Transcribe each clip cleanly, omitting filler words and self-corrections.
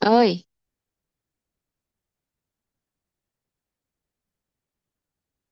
Ơi,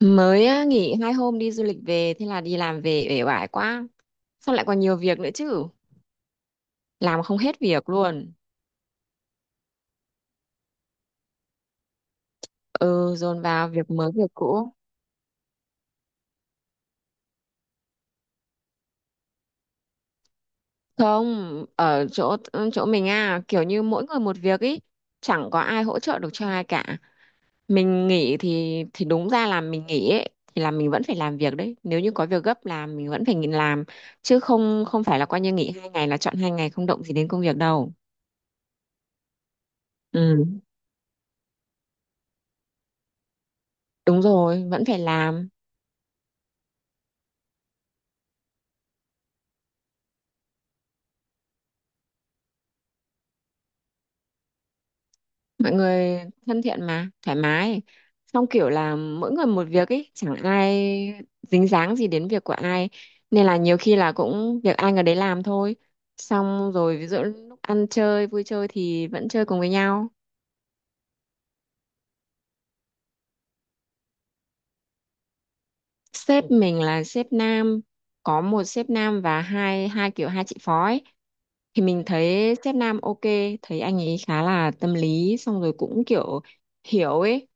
mới á, nghỉ 2 hôm đi du lịch về, thế là đi làm về uể oải quá. Sao lại còn nhiều việc nữa chứ. Làm không hết việc luôn. Ừ, dồn vào việc mới việc cũ. Không, ở chỗ mình à, kiểu như mỗi người một việc ý. Chẳng có ai hỗ trợ được cho ai cả. Mình nghỉ thì đúng ra là mình nghỉ ấy, thì là mình vẫn phải làm việc đấy, nếu như có việc gấp làm mình vẫn phải nghỉ làm. Chứ không không phải là coi như nghỉ 2 ngày là chọn 2 ngày không động gì đến công việc đâu. Ừ, đúng rồi, vẫn phải làm. Mọi người thân thiện mà thoải mái, xong kiểu là mỗi người một việc ấy, chẳng ai dính dáng gì đến việc của ai, nên là nhiều khi là cũng việc ai người đấy làm thôi. Xong rồi ví dụ lúc ăn chơi vui chơi thì vẫn chơi cùng với nhau. Sếp mình là sếp nam, có một sếp nam và hai hai kiểu hai chị phó ấy. Thì mình thấy sếp nam ok, thấy anh ấy khá là tâm lý, xong rồi cũng kiểu hiểu ấy.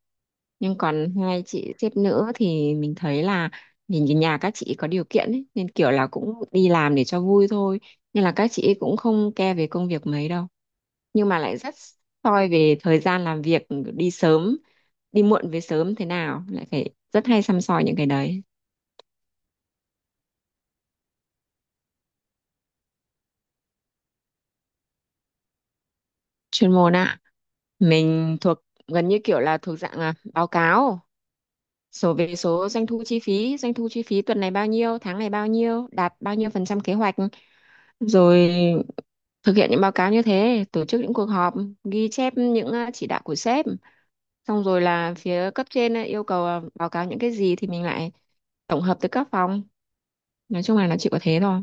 Nhưng còn hai chị sếp nữ thì mình thấy là nhìn cái nhà các chị có điều kiện ấy, nên kiểu là cũng đi làm để cho vui thôi. Nên là các chị ấy cũng không care về công việc mấy đâu, nhưng mà lại rất soi về thời gian làm việc. Đi sớm, đi muộn, về sớm thế nào lại phải rất hay săm soi những cái đấy. Chuyên môn ạ. Mình thuộc, gần như kiểu là thuộc dạng báo cáo số về số doanh thu chi phí, doanh thu chi phí tuần này bao nhiêu, tháng này bao nhiêu, đạt bao nhiêu phần trăm kế hoạch, rồi thực hiện những báo cáo như thế, tổ chức những cuộc họp, ghi chép những chỉ đạo của sếp. Xong rồi là phía cấp trên yêu cầu báo cáo những cái gì thì mình lại tổng hợp từ các phòng. Nói chung là nó chỉ có thế thôi,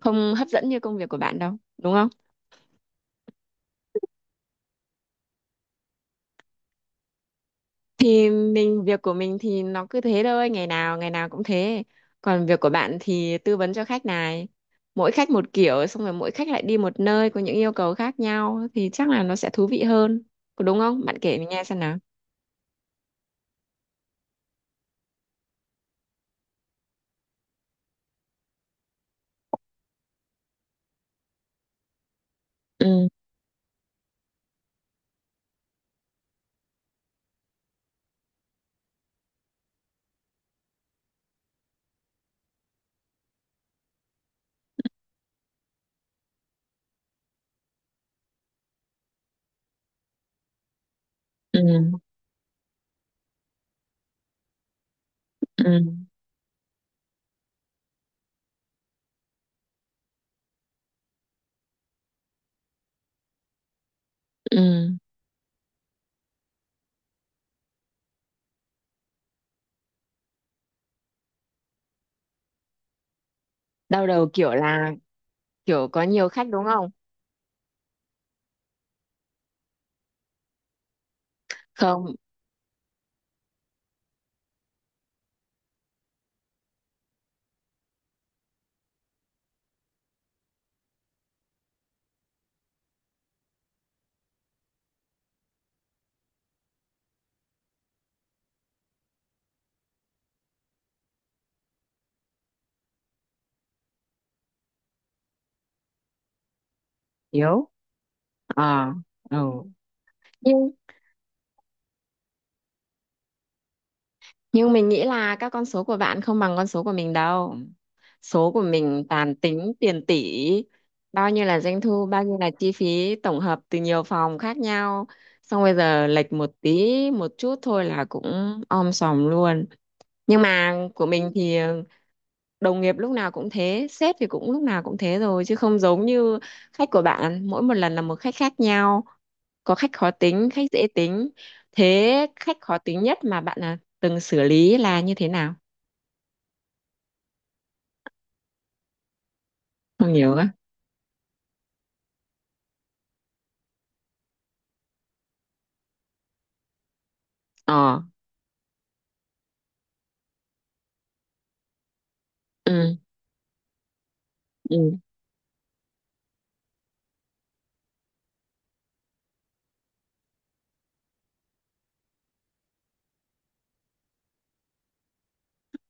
không hấp dẫn như công việc của bạn đâu đúng không. Thì mình, việc của mình thì nó cứ thế thôi, ngày nào cũng thế. Còn việc của bạn thì tư vấn cho khách này, mỗi khách một kiểu, xong rồi mỗi khách lại đi một nơi có những yêu cầu khác nhau thì chắc là nó sẽ thú vị hơn. Có đúng không, bạn kể mình nghe xem nào. Ừ. Ừ. Ừ. Ừ, đau đầu kiểu là kiểu có nhiều khách đúng không? Không, yếu. Ờ, ừ. Nhưng nhưng mình nghĩ là các con số của bạn không bằng con số của mình đâu. Số của mình toàn tính tiền tỷ, bao nhiêu là doanh thu, bao nhiêu là chi phí tổng hợp từ nhiều phòng khác nhau. Xong bây giờ lệch một tí, một chút thôi là cũng om sòm luôn. Nhưng mà của mình thì đồng nghiệp lúc nào cũng thế, sếp thì cũng lúc nào cũng thế rồi, chứ không giống như khách của bạn mỗi một lần là một khách khác nhau, có khách khó tính khách dễ tính. Thế khách khó tính nhất mà bạn là từng xử lý là như thế nào? Không nhiều á. Ờ. Ừ. Ừ.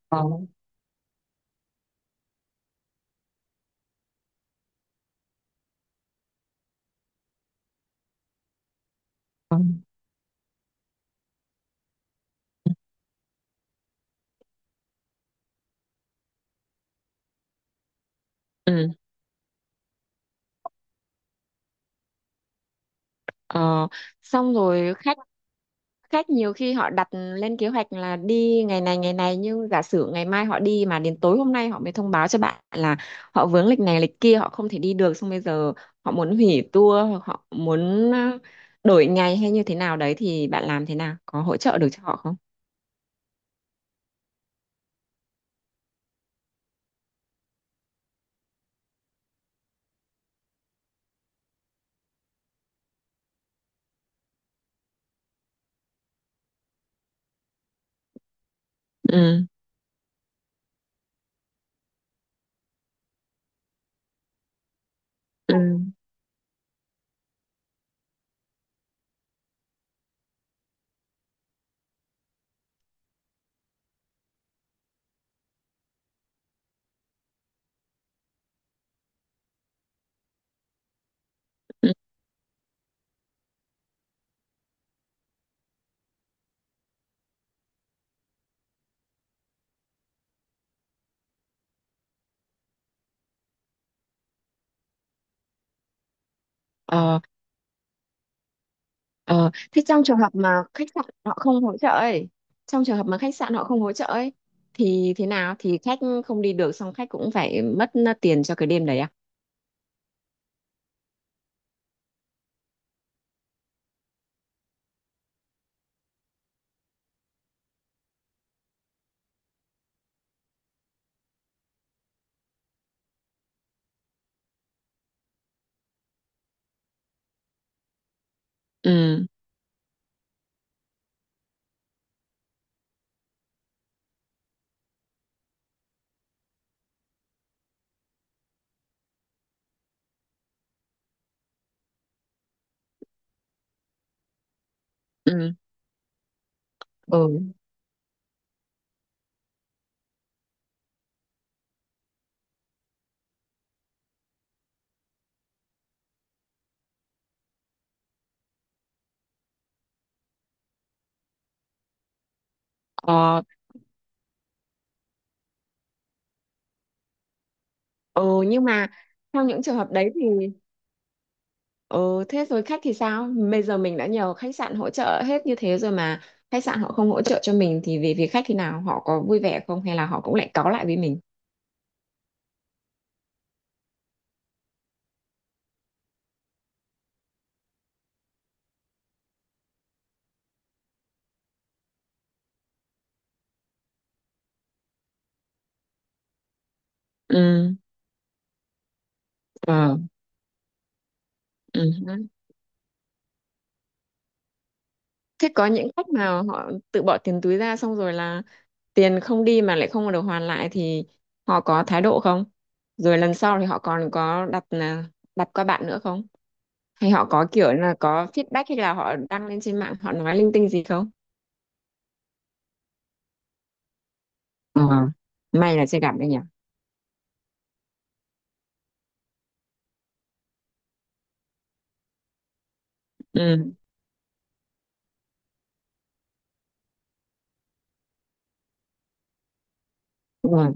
Ờ. Ờ. Ừ. Ờ. Xong rồi khách, khách nhiều khi họ đặt lên kế hoạch là đi ngày này ngày này, nhưng giả sử ngày mai họ đi mà đến tối hôm nay họ mới thông báo cho bạn là họ vướng lịch này lịch kia, họ không thể đi được, xong bây giờ họ muốn hủy tour hoặc họ muốn đổi ngày hay như thế nào đấy, thì bạn làm thế nào, có hỗ trợ được cho họ không? Ừ. Ừ. Ừ. Ờ. Ờ, thế trong trường hợp mà khách sạn họ không hỗ trợ ấy, trong trường hợp mà khách sạn họ không hỗ trợ ấy thì thế nào, thì khách không đi được xong khách cũng phải mất tiền cho cái đêm đấy à? Ừ. Ừ. Ừ. Ờ, ừ, nhưng mà trong những trường hợp đấy thì ừ, thế rồi khách thì sao, bây giờ mình đã nhờ khách sạn hỗ trợ hết như thế rồi mà khách sạn họ không hỗ trợ cho mình, thì về phía khách thì nào họ có vui vẻ không, hay là họ cũng lại cáu lại với mình? Ừ. Ờ. Ừ. Thế có những khách mà họ tự bỏ tiền túi ra xong rồi là tiền không đi mà lại không được hoàn lại thì họ có thái độ không, rồi lần sau thì họ còn có đặt, đặt qua bạn nữa không, hay họ có kiểu là có feedback hay là họ đăng lên trên mạng họ nói linh tinh gì không? Ờ, may là chưa gặp đấy nhỉ. Ừ. Ừ.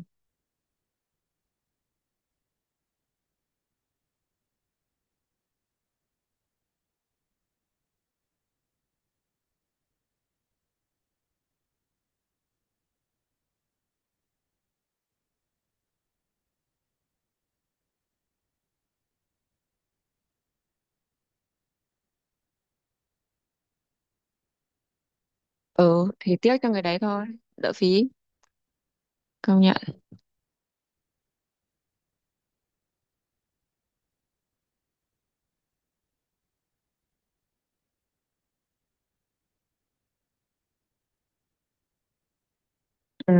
Ừ, thì tiếc cho người đấy thôi. Đỡ phí. Công nhận. Ừ.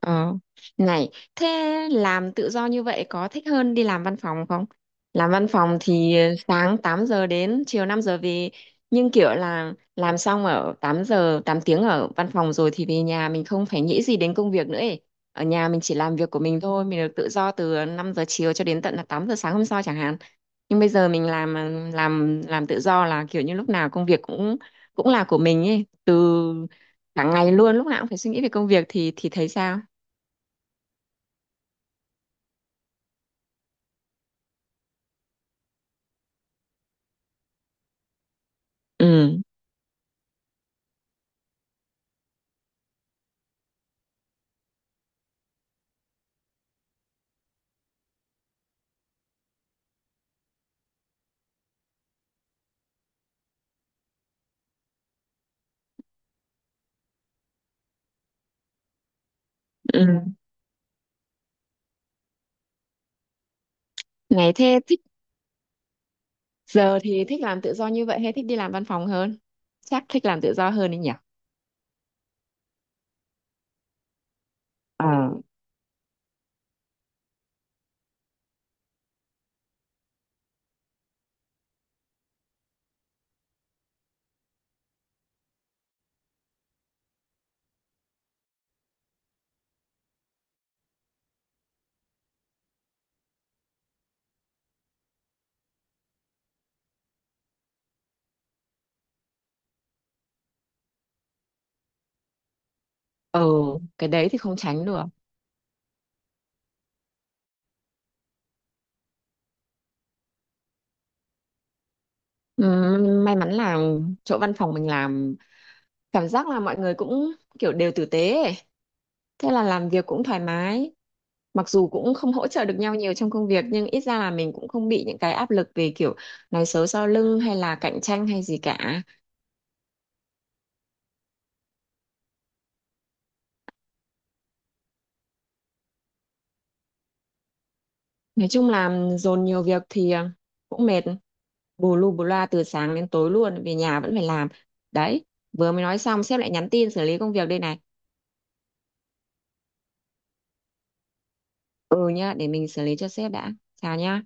Ờ. Này, thế làm tự do như vậy có thích hơn đi làm văn phòng không? Làm văn phòng thì sáng 8 giờ đến chiều 5 giờ về, nhưng kiểu là làm xong ở 8 giờ, 8 tiếng ở văn phòng rồi thì về nhà mình không phải nghĩ gì đến công việc nữa ấy. Ở nhà mình chỉ làm việc của mình thôi, mình được tự do từ 5 giờ chiều cho đến tận là 8 giờ sáng hôm sau chẳng hạn. Nhưng bây giờ mình làm, làm tự do là kiểu như lúc nào công việc cũng cũng là của mình ấy, từ cả ngày luôn, lúc nào cũng phải suy nghĩ về công việc thì thấy sao? Ừ. Ừ. Ngày thế thích. Giờ thì thích làm tự do như vậy hay thích đi làm văn phòng hơn, chắc thích làm tự do hơn đấy nhỉ. Ờ. Ừ, cái đấy thì không tránh được. May mắn là chỗ văn phòng mình làm, cảm giác là mọi người cũng kiểu đều tử tế ấy. Thế là làm việc cũng thoải mái, mặc dù cũng không hỗ trợ được nhau nhiều trong công việc nhưng ít ra là mình cũng không bị những cái áp lực về kiểu nói xấu sau lưng hay là cạnh tranh hay gì cả. Nói chung là dồn nhiều việc thì cũng mệt, bù lu bù loa từ sáng đến tối luôn, về nhà vẫn phải làm. Đấy, vừa mới nói xong sếp lại nhắn tin xử lý công việc đây này. Ừ nhá, để mình xử lý cho sếp đã. Chào nhá.